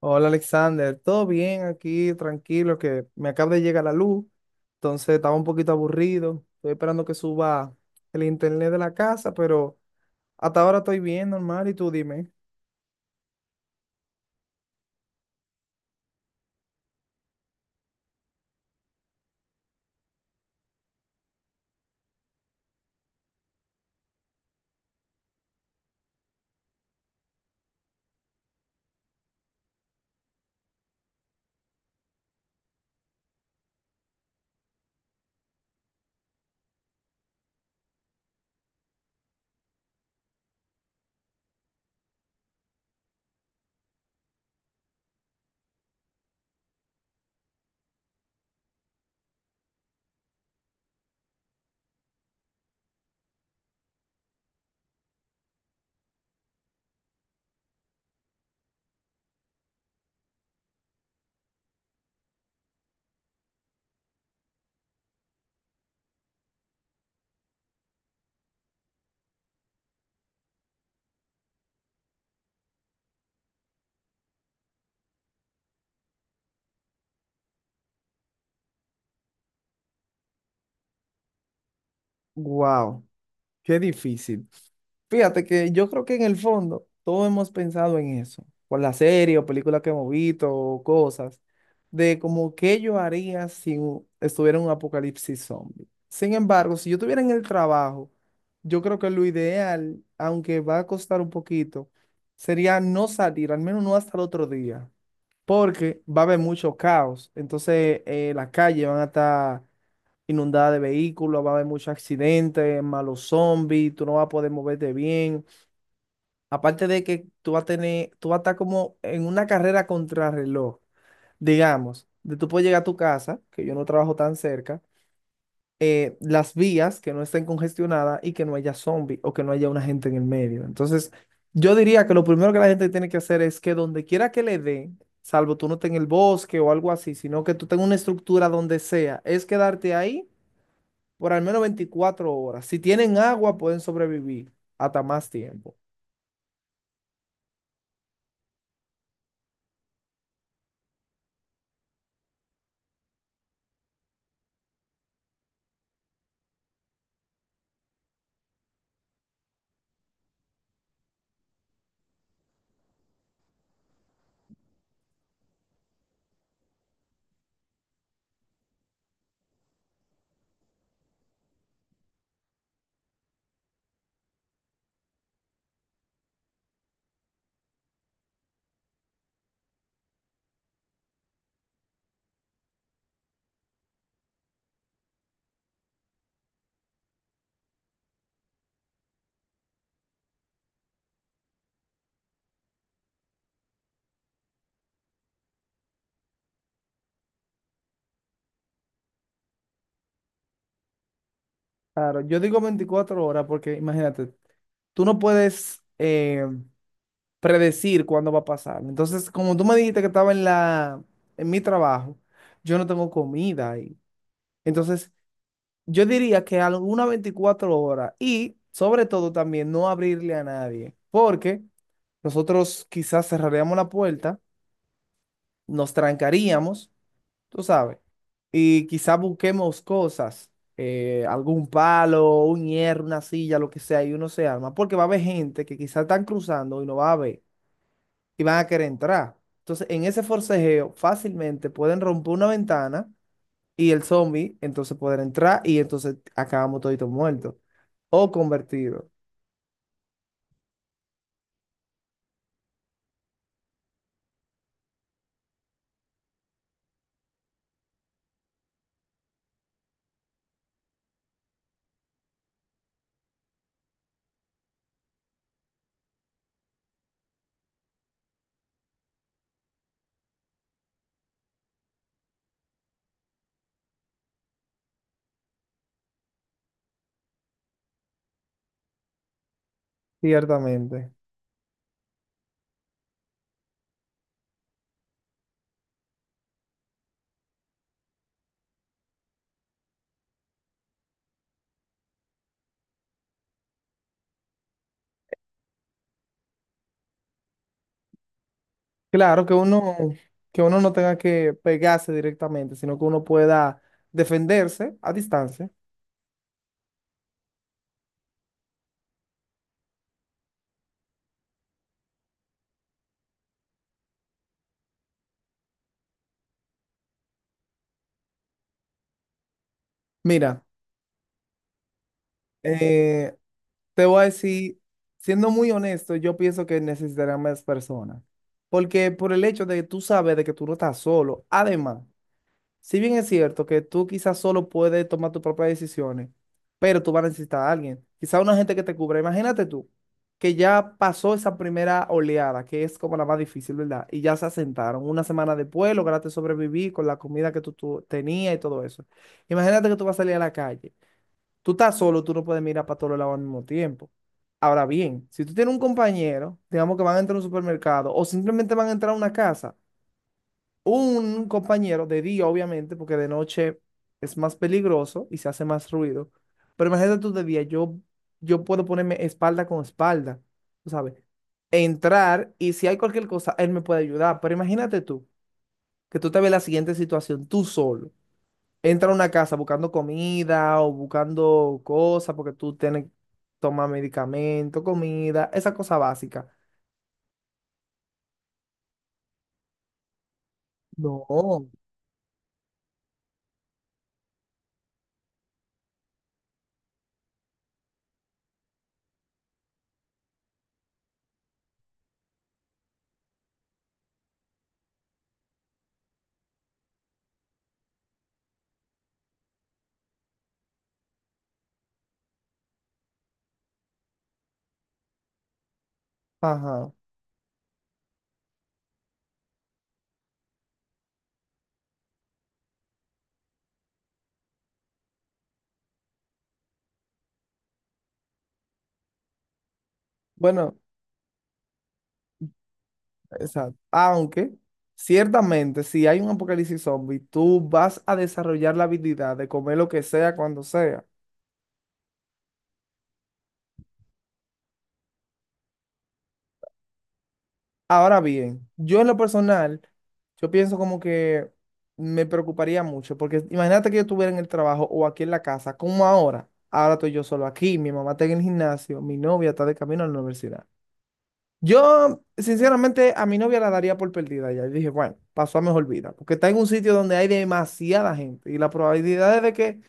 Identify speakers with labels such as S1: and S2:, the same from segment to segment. S1: Hola Alexander, todo bien aquí, tranquilo, que me acaba de llegar la luz, entonces estaba un poquito aburrido, estoy esperando que suba el internet de la casa, pero hasta ahora estoy bien, normal, y tú dime. Wow, qué difícil. Fíjate que yo creo que en el fondo todos hemos pensado en eso, por la serie o película que hemos visto o cosas, de como qué yo haría si estuviera en un apocalipsis zombie. Sin embargo, si yo estuviera en el trabajo, yo creo que lo ideal, aunque va a costar un poquito, sería no salir, al menos no hasta el otro día, porque va a haber mucho caos. Entonces, las calles van a estar inundadas de vehículos, va a haber muchos accidentes, malos zombies, tú no vas a poder moverte bien. Aparte de que tú vas a tener, tú vas a estar como en una carrera contrarreloj, digamos, de tú puedes llegar a tu casa, que yo no trabajo tan cerca, las vías que no estén congestionadas y que no haya zombie o que no haya una gente en el medio. Entonces, yo diría que lo primero que la gente tiene que hacer es que donde quiera que le dé, salvo tú no estés en el bosque o algo así, sino que tú tengas una estructura donde sea, es quedarte ahí por al menos 24 horas. Si tienen agua, pueden sobrevivir hasta más tiempo. Claro, yo digo 24 horas porque imagínate, tú no puedes predecir cuándo va a pasar. Entonces, como tú me dijiste que estaba en la, en mi trabajo, yo no tengo comida ahí. Entonces, yo diría que alguna 24 horas y sobre todo también no abrirle a nadie, porque nosotros quizás cerraríamos la puerta, nos trancaríamos tú sabes, y quizá busquemos cosas, algún palo, un hierro, una silla, lo que sea, y uno se arma, porque va a haber gente que quizás están cruzando y no va a ver, y van a querer entrar. Entonces, en ese forcejeo fácilmente pueden romper una ventana y el zombie entonces poder entrar y entonces acabamos toditos muertos o convertidos, ciertamente. Claro que uno no tenga que pegarse directamente, sino que uno pueda defenderse a distancia. Mira. Eh, te voy a decir, siendo muy honesto, yo pienso que necesitarán más personas. Porque por el hecho de que tú sabes de que tú no estás solo. Además, si bien es cierto que tú quizás solo puedes tomar tus propias decisiones, pero tú vas a necesitar a alguien. Quizás una gente que te cubra. Imagínate tú, que ya pasó esa primera oleada, que es como la más difícil, ¿verdad? Y ya se asentaron. Una semana después lograste sobrevivir con la comida que tú tenías y todo eso. Imagínate que tú vas a salir a la calle. Tú estás solo, tú no puedes mirar para todos lados al mismo tiempo. Ahora bien, si tú tienes un compañero, digamos que van a entrar a un supermercado o simplemente van a entrar a una casa, un compañero de día, obviamente, porque de noche es más peligroso y se hace más ruido. Pero imagínate tú de día, yo puedo ponerme espalda con espalda, tú sabes, entrar y si hay cualquier cosa, él me puede ayudar. Pero imagínate tú, que tú te ves en la siguiente situación, tú solo entra a una casa buscando comida o buscando cosas porque tú tienes que tomar medicamento, comida, esa cosa básica. No. Ajá. Bueno, exacto. Aunque, ciertamente, si hay un apocalipsis zombie, tú vas a desarrollar la habilidad de comer lo que sea cuando sea. Ahora bien, yo en lo personal, yo pienso como que me preocuparía mucho, porque imagínate que yo estuviera en el trabajo o aquí en la casa, como ahora. Ahora estoy yo solo aquí, mi mamá está en el gimnasio, mi novia está de camino a la universidad. Yo, sinceramente, a mi novia la daría por perdida ya. Y dije, bueno, pasó a mejor vida, porque está en un sitio donde hay demasiada gente y la probabilidad es de que,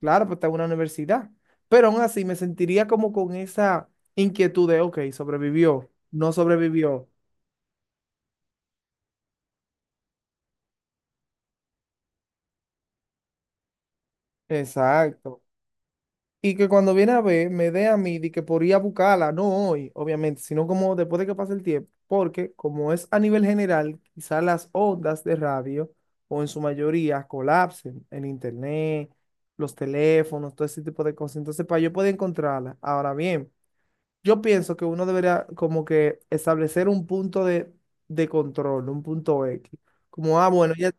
S1: claro, pues está en una universidad, pero aún así me sentiría como con esa inquietud de, ok, sobrevivió, no sobrevivió. Exacto. Y que cuando viene a ver, me dé a mí de que por ir a buscarla, no hoy, obviamente, sino como después de que pase el tiempo, porque como es a nivel general, quizás las ondas de radio, o en su mayoría, colapsen en internet, los teléfonos, todo ese tipo de cosas. Entonces, para yo poder encontrarla. Ahora bien, yo pienso que uno debería como que establecer un punto de control, un punto X. Como, ah, bueno, ya.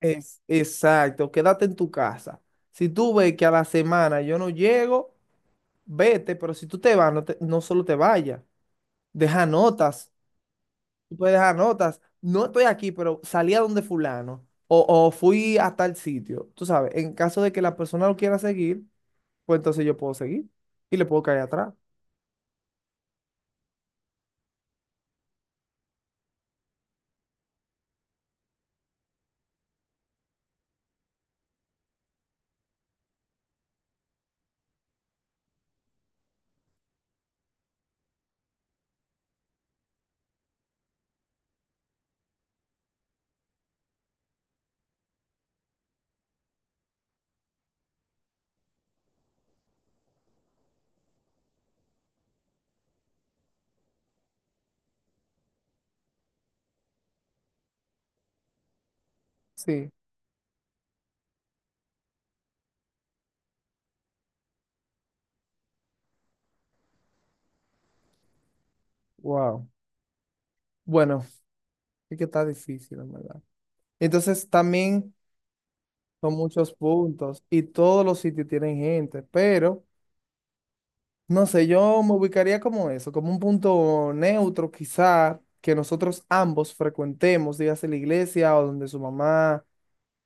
S1: Es, exacto, quédate en tu casa. Si tú ves que a la semana yo no llego, vete, pero si tú te vas, no, no solo te vayas, deja notas, tú puedes dejar notas. No estoy aquí, pero salí a donde fulano o fui a tal sitio. Tú sabes, en caso de que la persona lo quiera seguir, pues entonces yo puedo seguir y le puedo caer atrás. Sí, wow. Bueno, es que está difícil, en verdad. Entonces también son muchos puntos y todos los sitios tienen gente, pero... No sé, yo me ubicaría como eso, como un punto neutro quizá que nosotros ambos frecuentemos, dígase la iglesia o donde su mamá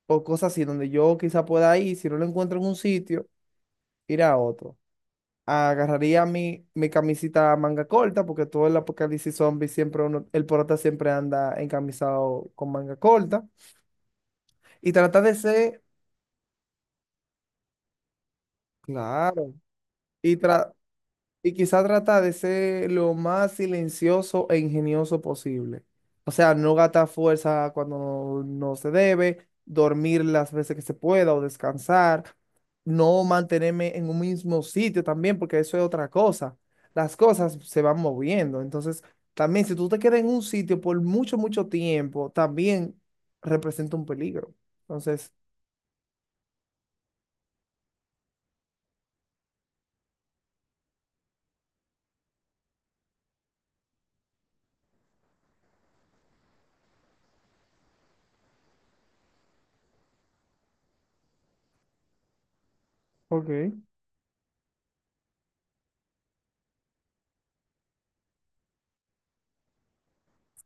S1: o cosas así, donde yo quizá pueda ir, si no lo encuentro en un sitio, ir a otro. Agarraría mi camisita manga corta, porque todo el apocalipsis zombie siempre uno, el prota siempre anda encamisado con manga corta, y trata de ser, claro, y, tra- y quizá trata de ser lo más silencioso e ingenioso posible. O sea, no gastar fuerza cuando no se debe, dormir las veces que se pueda o descansar, no mantenerme en un mismo sitio también, porque eso es otra cosa. Las cosas se van moviendo. Entonces, también si tú te quedas en un sitio por mucho, mucho tiempo, también representa un peligro. Entonces, ok.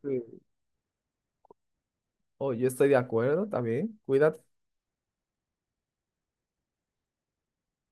S1: Sí. Oh, yo estoy de acuerdo también. Cuídate.